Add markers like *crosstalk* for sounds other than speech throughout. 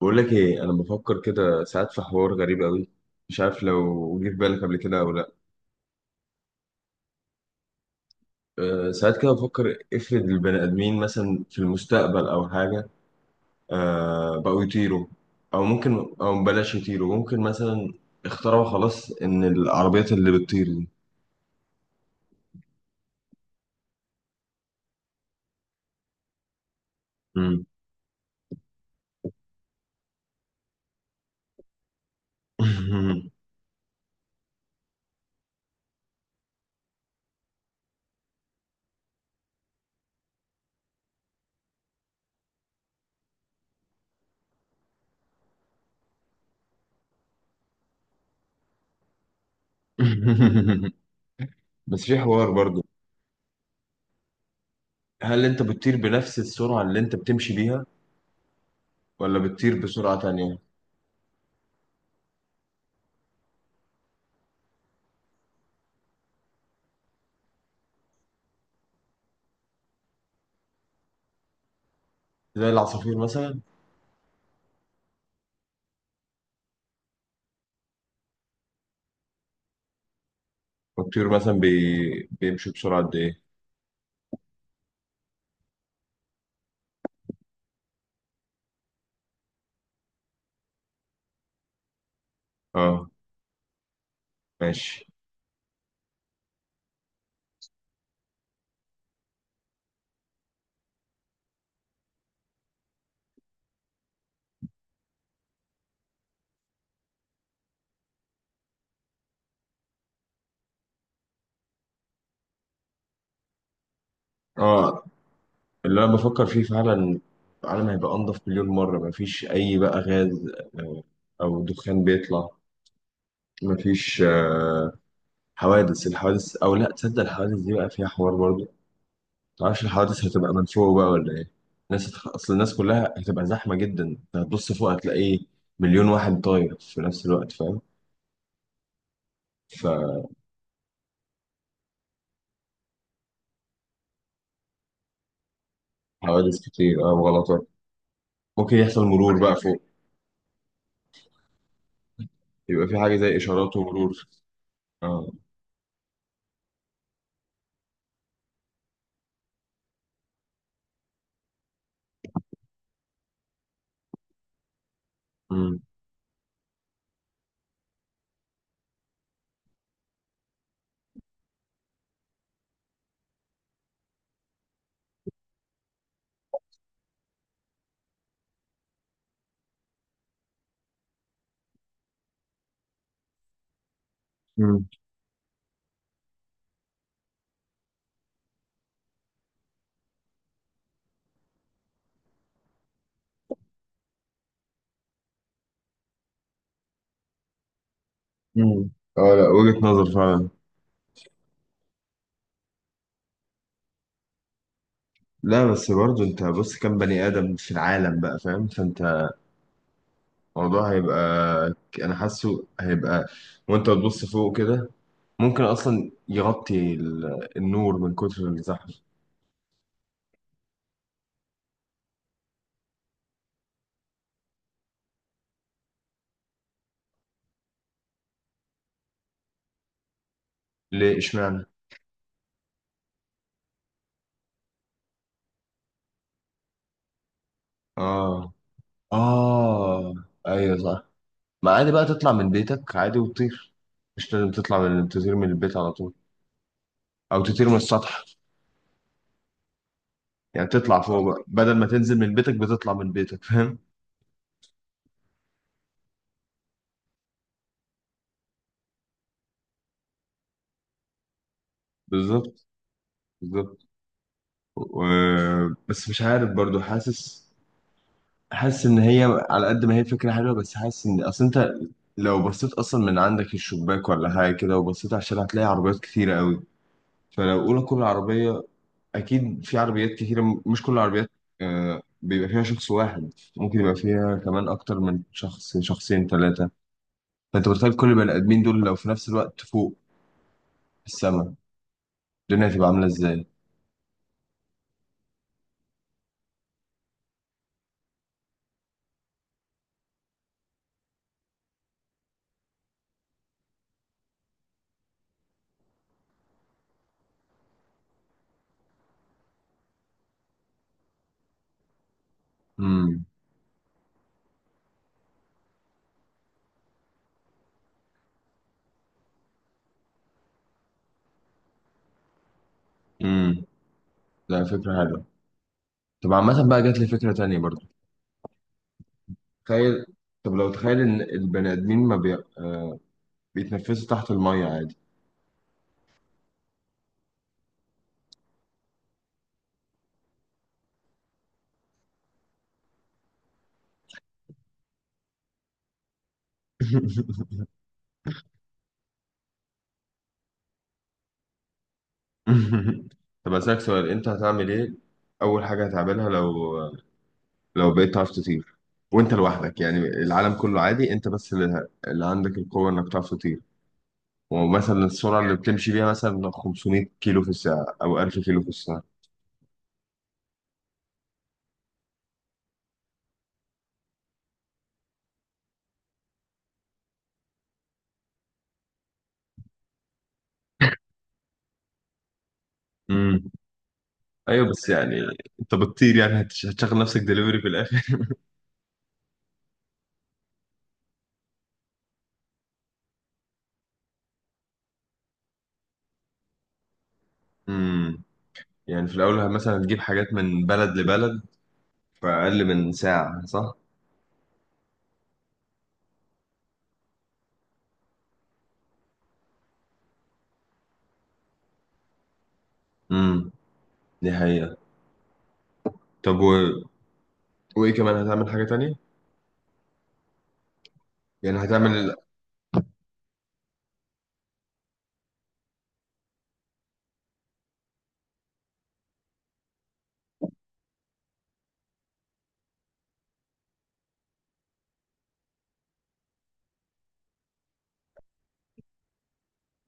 بقول لك ايه، انا بفكر كده ساعات في حوار غريب قوي. مش عارف لو جه في بالك قبل كده او لا. ساعات كده بفكر، افرض البني ادمين مثلا في المستقبل او حاجه، بقوا يطيروا، او بلاش يطيروا، ممكن مثلا اخترعوا خلاص ان العربيات اللي بتطير دي. مم. *laughs* بس في حوار برضو. هل انت بتطير بنفس السرعه اللي انت بتمشي بيها، ولا بتطير بسرعه تانية؟ زي العصافير مثلا. والطيور مثلا بيمشوا بسرعه قد ايه؟ اه، ماشي. اه، اللي انا بفكر فيه فعلا، العالم هيبقى انضف مليون مرة، مفيش اي بقى غاز، آه، او دخان بيطلع، مفيش حوادث. الحوادث او لا تصدق، الحوادث دي بقى فيها حوار برضه. متعرفش الحوادث هتبقى من فوق بقى ولا ايه؟ الناس اصل الناس كلها هتبقى زحمة جدا، انت هتبص فوق هتلاقي مليون واحد طاير في نفس الوقت، فاهم؟ فحوادث كتير، وغلطات. ممكن يحصل مرور بقى فوق، يبقى في حاجة زي اشارات ومرور. اه. مم. مم. اه، لا وجهة نظر فعلا. لا، بس برضه انت بص، كم بني ادم في العالم بقى، فاهم؟ فانت الموضوع هيبقى، انا حاسه هيبقى وانت بتبص فوق كده، ممكن اصلا يغطي النور من كتر الزحمه. ليه اشمعنى؟ اه، اه، ايوه صح، ما عادي بقى تطلع من بيتك عادي وتطير. مش لازم تطلع من تطير من البيت على طول، او تطير من السطح. يعني تطلع فوق بقى بدل ما تنزل من بيتك بتطلع من بيتك، فاهم؟ بالظبط، بالظبط. بس مش عارف برضو، حاسس ان هي، على قد ما هي فكره حلوه، بس حاسس ان اصل انت لو بصيت اصلا من عندك الشباك ولا حاجه كده، وبصيت على الشارع، هتلاقي عربيات كتيره قوي. فلو اقول كل عربيه، اكيد في عربيات كتيره، مش كل العربيات بيبقى فيها شخص واحد، ممكن يبقى فيها كمان اكتر من شخص، شخصين، ثلاثه. فانت متخيل كل البني ادمين دول لو في نفس الوقت فوق في السماء، الدنيا هتبقى عامله ازاي؟ امم، امم. لا، فكره حلوه. طب عامه بقى، جات لي فكره تانية برضو. تخيل، طب لو تخيل ان البني ادمين ما بي... بيتنفسوا تحت المية عادي. *laughs* طب اسالك سؤال، انت هتعمل ايه اول حاجة هتعملها لو بقيت تعرف تطير وانت لوحدك؟ يعني العالم كله عادي، انت بس اللي عندك القوة انك تعرف تطير، ومثلا السرعة اللي بتمشي بيها مثلا 500 كيلو في الساعة او 1000 كيلو في الساعة. امم. ايوه، بس يعني انت بتطير، يعني هتشغل نفسك دليفري في الاخر؟ امم. يعني في الاول مثلا هتجيب حاجات من بلد لبلد في أقل من ساعة، صح؟ امم، دي حقيقة. طب، وإيه كمان، هتعمل حاجة تانية؟ يعني هتعمل.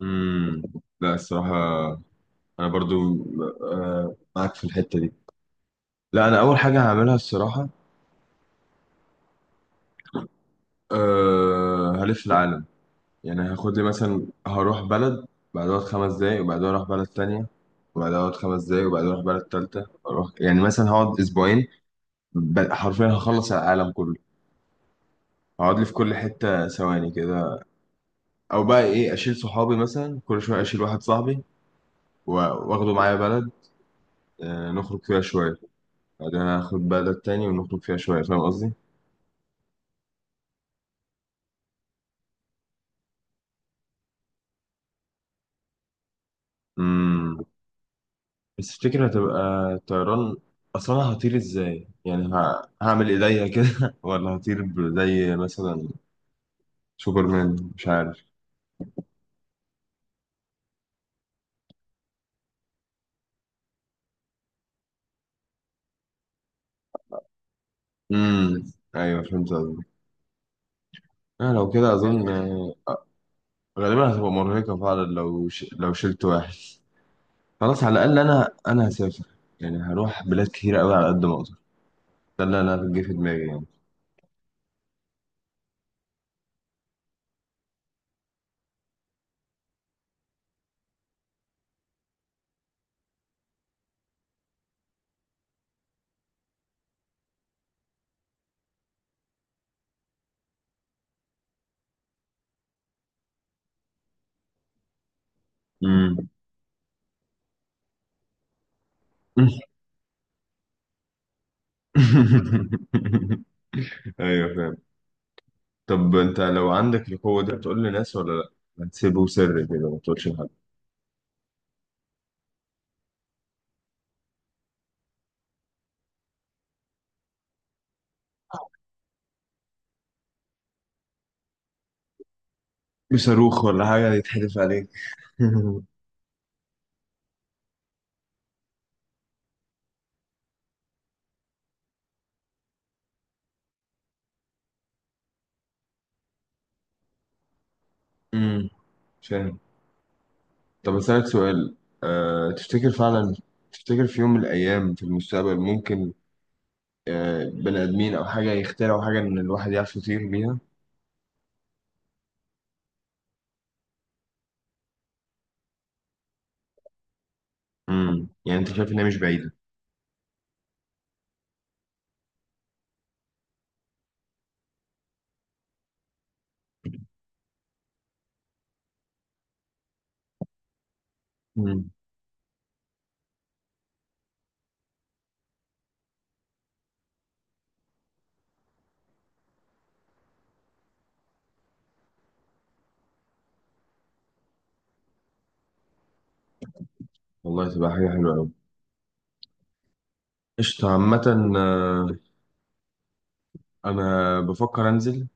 امم لا، الصراحة أنا برضو معاك في الحتة دي. لا، أنا أول حاجة هعملها الصراحة، هلف العالم. يعني هاخد لي مثلا، هروح بلد بعدها خمس دقايق، وبعدها أروح بلد تانية وبعدها أقعد خمس دقايق، وبعدها أروح بلد تالتة، يعني مثلا هقعد أسبوعين. حرفيا هخلص العالم كله، هقعد لي في كل حتة ثواني كده. او بقى ايه، اشيل صحابي مثلا، كل شويه اشيل واحد صاحبي و- واخده معايا بلد، نخرج فيها شويه، بعدين اخد بلد تاني ونخرج فيها شويه، فاهم قصدي؟ امم. بس تفتكر هتبقى الطيران، اصلا انا هطير ازاي؟ يعني هعمل ايديا كده، *laughs* ولا هطير زي مثلا سوبرمان، مش عارف. امم، ايوه فهمت قصدك. لو كده اظن غالبا هتبقى مرهقه فعلا لو لو شلت واحد. خلاص، على الاقل انا هسافر، يعني هروح بلاد كتير قوي على قد ما اقدر. لا لا لا، بتجي في دماغي يعني. امم. *laughs* ايوه فاهم. طب انت لو عندك القوه دي، هتقول لناس ولا لا؟ هتسيبه سر كده، ما تقولش لحد؟ بصاروخ ولا حاجه يتحدف عليك. *laughs* امم، فاهم. طب اسالك سؤال، تفتكر فعلا، تفتكر في يوم من الايام في المستقبل ممكن بني ادمين او حاجه يخترعوا حاجه ان الواحد يعرف يطير بيها؟ امم، يعني انت شايف انها مش بعيده؟ امم. والله تبقى حاجه حلوه قوي. قشطه، عامه انا بفكر انزل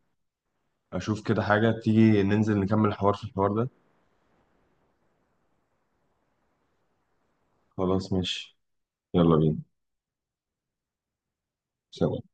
اشوف كده حاجة تيجي، ننزل نكمل في الحوار ده. خلاص، ماشي، يلا بينا. سلام.